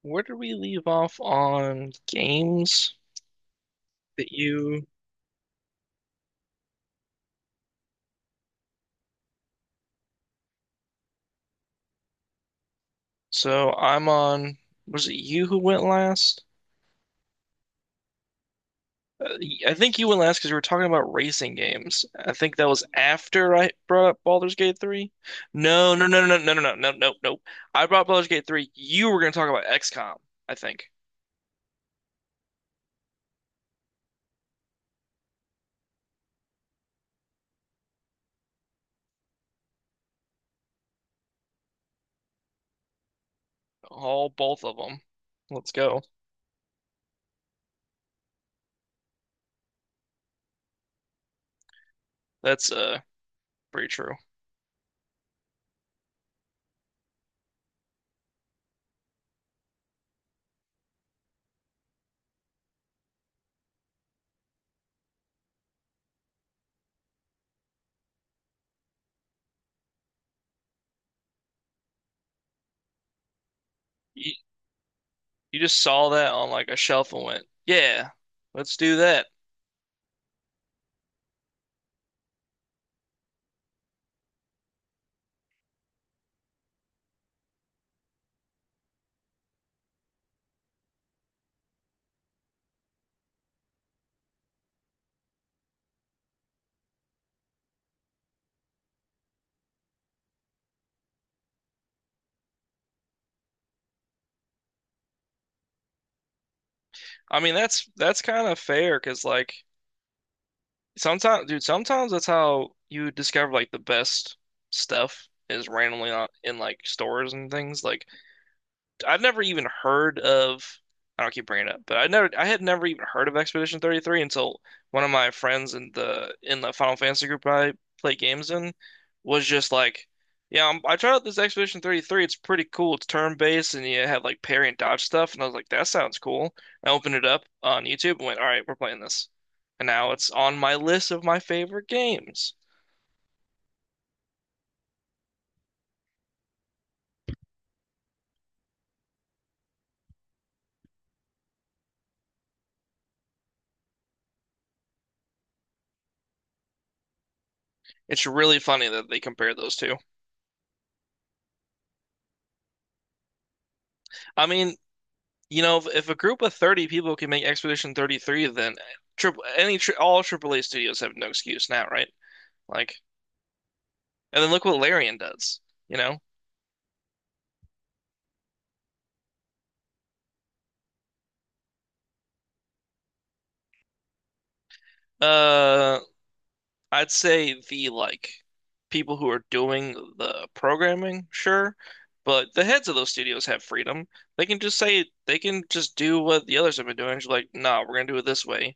Where did we leave off on games that you? So I'm on. Was it you who went last? I think you went last because we were talking about racing games. I think that was after I brought up Baldur's Gate 3. No, no, no, no, no, no, no, no, no, no. I brought Baldur's Gate 3. You were going to talk about XCOM, I think. All both of them. Let's go. That's pretty true. You, you just saw that on like a shelf and went, "Yeah, let's do that." I mean, that's kind of fair because like sometimes, dude, sometimes that's how you discover like the best stuff is randomly on in like stores and things. Like I've never even heard of. I don't keep bringing it up, but I had never even heard of Expedition 33 until one of my friends in the Final Fantasy group I play games in was just like, "Yeah, I tried out this Expedition 33. It's pretty cool. It's turn-based, and you have like parry and dodge stuff." And I was like, "That sounds cool." I opened it up on YouTube and went, "All right, we're playing this," and now it's on my list of my favorite games. It's really funny that they compare those two. I mean, you know, if a group of 30 people can make Expedition 33, then triple any tri all AAA studios have no excuse now, right? Like, and then look what Larian does, you know? Uh, I'd say the like people who are doing the programming, sure, but the heads of those studios have freedom. They can just do what the others have been doing. Just like, nah, we're gonna do it this way.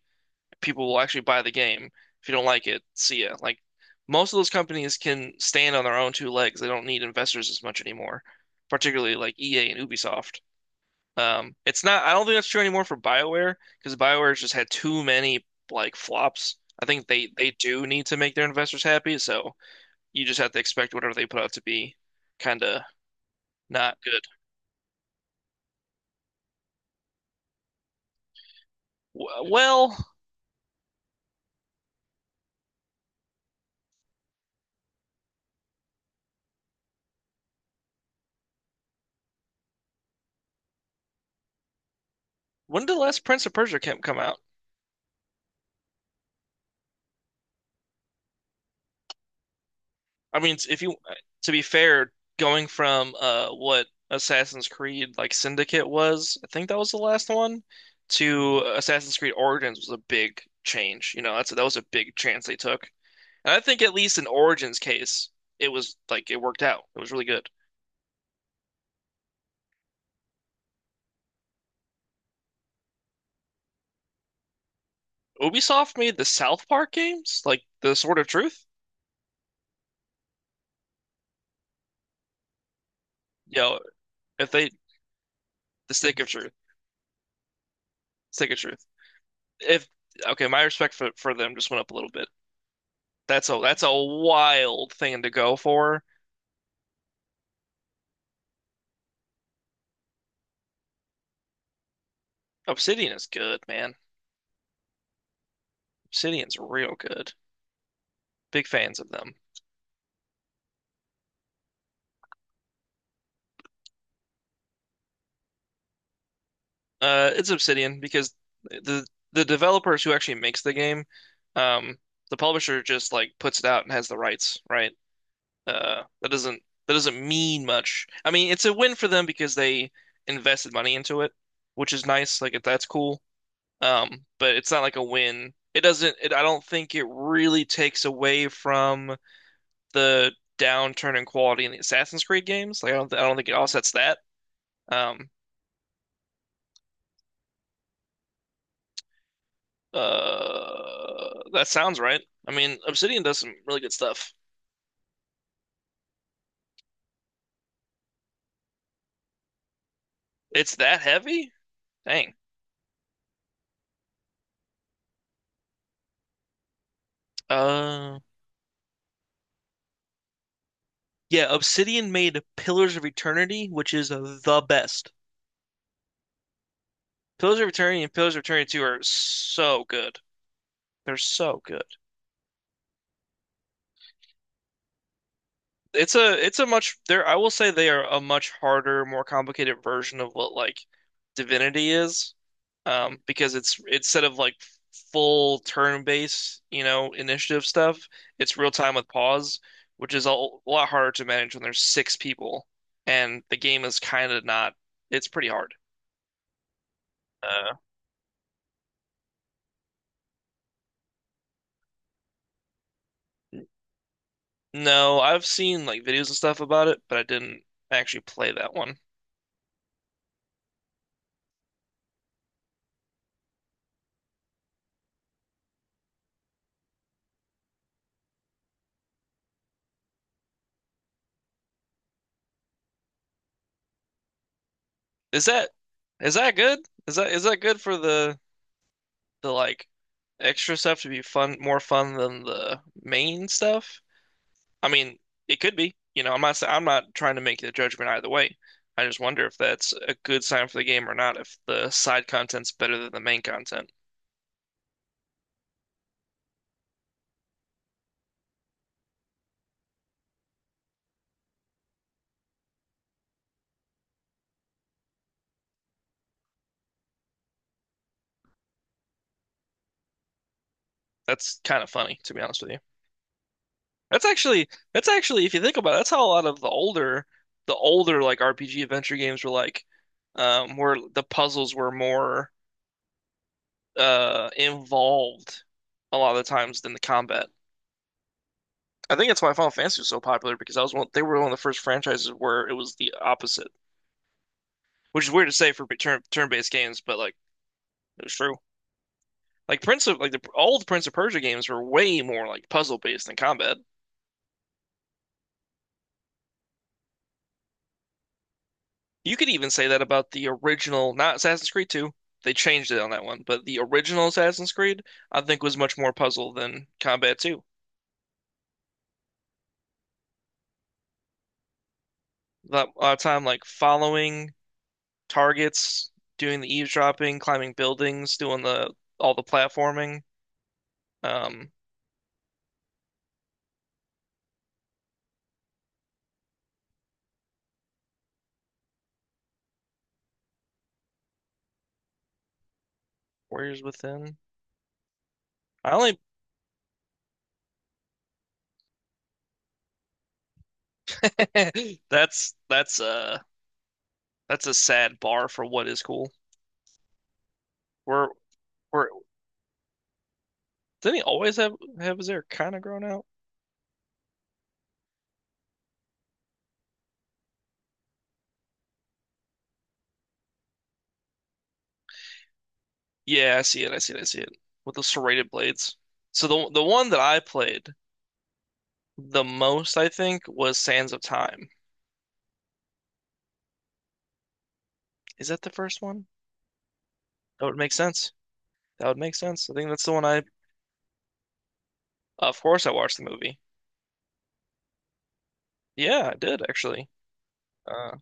People will actually buy the game. If you don't like it, see ya. Like most of those companies can stand on their own two legs. They don't need investors as much anymore, particularly like EA and Ubisoft. It's not, I don't think that's true anymore for BioWare because BioWare's just had too many like flops. I think they do need to make their investors happy, so you just have to expect whatever they put out to be kind of not good. W- Well, when did the last Prince of Persia camp come out? I mean, if you To be fair, going from what Assassin's Creed like Syndicate was, I think that was the last one, to Assassin's Creed Origins was a big change. You know, that was a big chance they took. And I think at least in Origins case, it worked out. It was really good. Ubisoft made the South Park games, like the Sword of Truth. Yo, if they the Stick of Truth, Stick of Truth. If Okay, my respect for them just went up a little bit. That's a wild thing to go for. Obsidian is good, man. Obsidian's real good. Big fans of them. It's Obsidian because the the developers who actually makes the game, um, the publisher just like puts it out and has the rights, right? That doesn't mean much. I mean, it's a win for them because they invested money into it, which is nice. Like that's cool. But it's not like a win. It doesn't. I don't think it really takes away from the downturn in quality in the Assassin's Creed games. Like I don't think it offsets that. Um, that sounds right. I mean, Obsidian does some really good stuff. It's that heavy? Dang. Uh, yeah, Obsidian made Pillars of Eternity, which is the best. Pillars of Eternity and Pillars of Eternity 2 are so good. They're so good. It's a much there I will say they are a much harder, more complicated version of what like Divinity is. Because it's instead of like full turn-based, you know, initiative stuff, it's real time with pause, which is a lot harder to manage when there's six people and the game is kind of not it's pretty hard. Uh, no, I've seen like videos and stuff about it, but I didn't actually play that one. Is that is that good? Is that good for the like extra stuff to be fun, more fun than the main stuff? I mean, it could be. You know, I'm not trying to make the judgment either way. I just wonder if that's a good sign for the game or not, if the side content's better than the main content. That's kind of funny, to be honest with you. That's actually that's actually if you think about it, that's how a lot of the older like RPG adventure games were like where the puzzles were more involved a lot of the times than the combat. I think that's why Final Fantasy was so popular because they were one of the first franchises where it was the opposite, which is weird to say for turn-based games, but like it was true. Like Prince of like the all the Prince of Persia games were way more like puzzle-based than combat. You could even say that about the original, not Assassin's Creed 2. They changed it on that one, but the original Assassin's Creed I think was much more puzzle than combat too. A lot of time like following targets, doing the eavesdropping, climbing buildings, doing the all the platforming. Um, Warriors Within. I only. that's that's uh that's a sad bar for what is cool. We're we're didn't he always have his hair kind of grown out? Yeah, I see it. I see it. I see it with the serrated blades. So the one that I played the most, I think, was Sands of Time. Is that the first one? That would make sense. That would make sense. I think that's the one I. Of course, I watched the movie. Yeah, I did actually. Uh,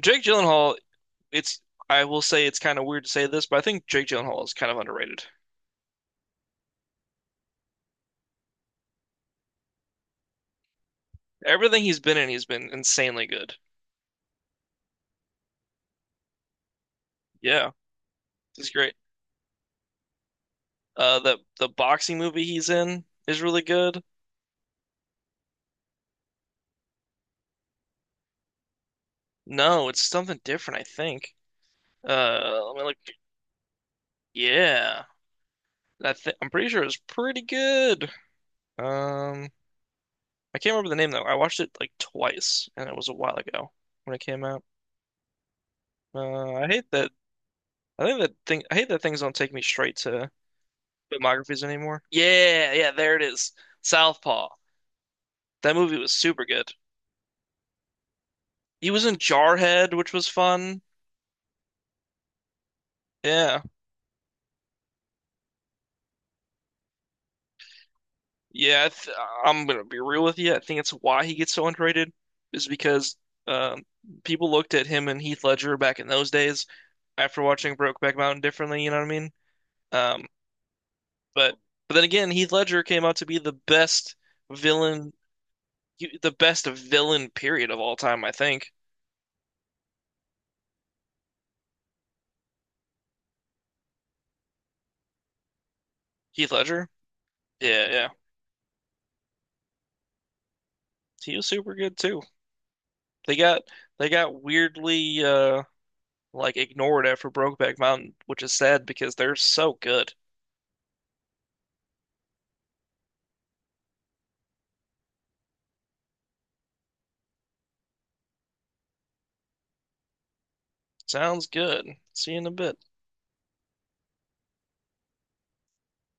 Jake Gyllenhaal. It's. I will say it's kind of weird to say this, but I think Jake Gyllenhaal is kind of underrated. Everything he's been in, he's been insanely good. Yeah, he's great. The boxing movie he's in is really good. No, it's something different, I think. Let me look. Yeah, I'm pretty sure it's pretty good. Um, I can't remember the name though. I watched it like twice, and it was a while ago when it came out. I hate that. I think that thing. I hate that things don't take me straight to filmographies anymore. Yeah, yeah, there it is. Southpaw. That movie was super good. He was in Jarhead, which was fun. Yeah. Yeah, I th I'm gonna be real with you. I think it's why he gets so underrated is because um, people looked at him and Heath Ledger back in those days after watching Brokeback Mountain differently, you know what I mean? Um, but but then again, Heath Ledger came out to be villain, the best villain period of all time, I think. Heath Ledger? Yeah, yeah. He was super good too. They got they got weirdly like ignored after Brokeback Mountain, which is sad because they're so good. Sounds good. See you in a bit.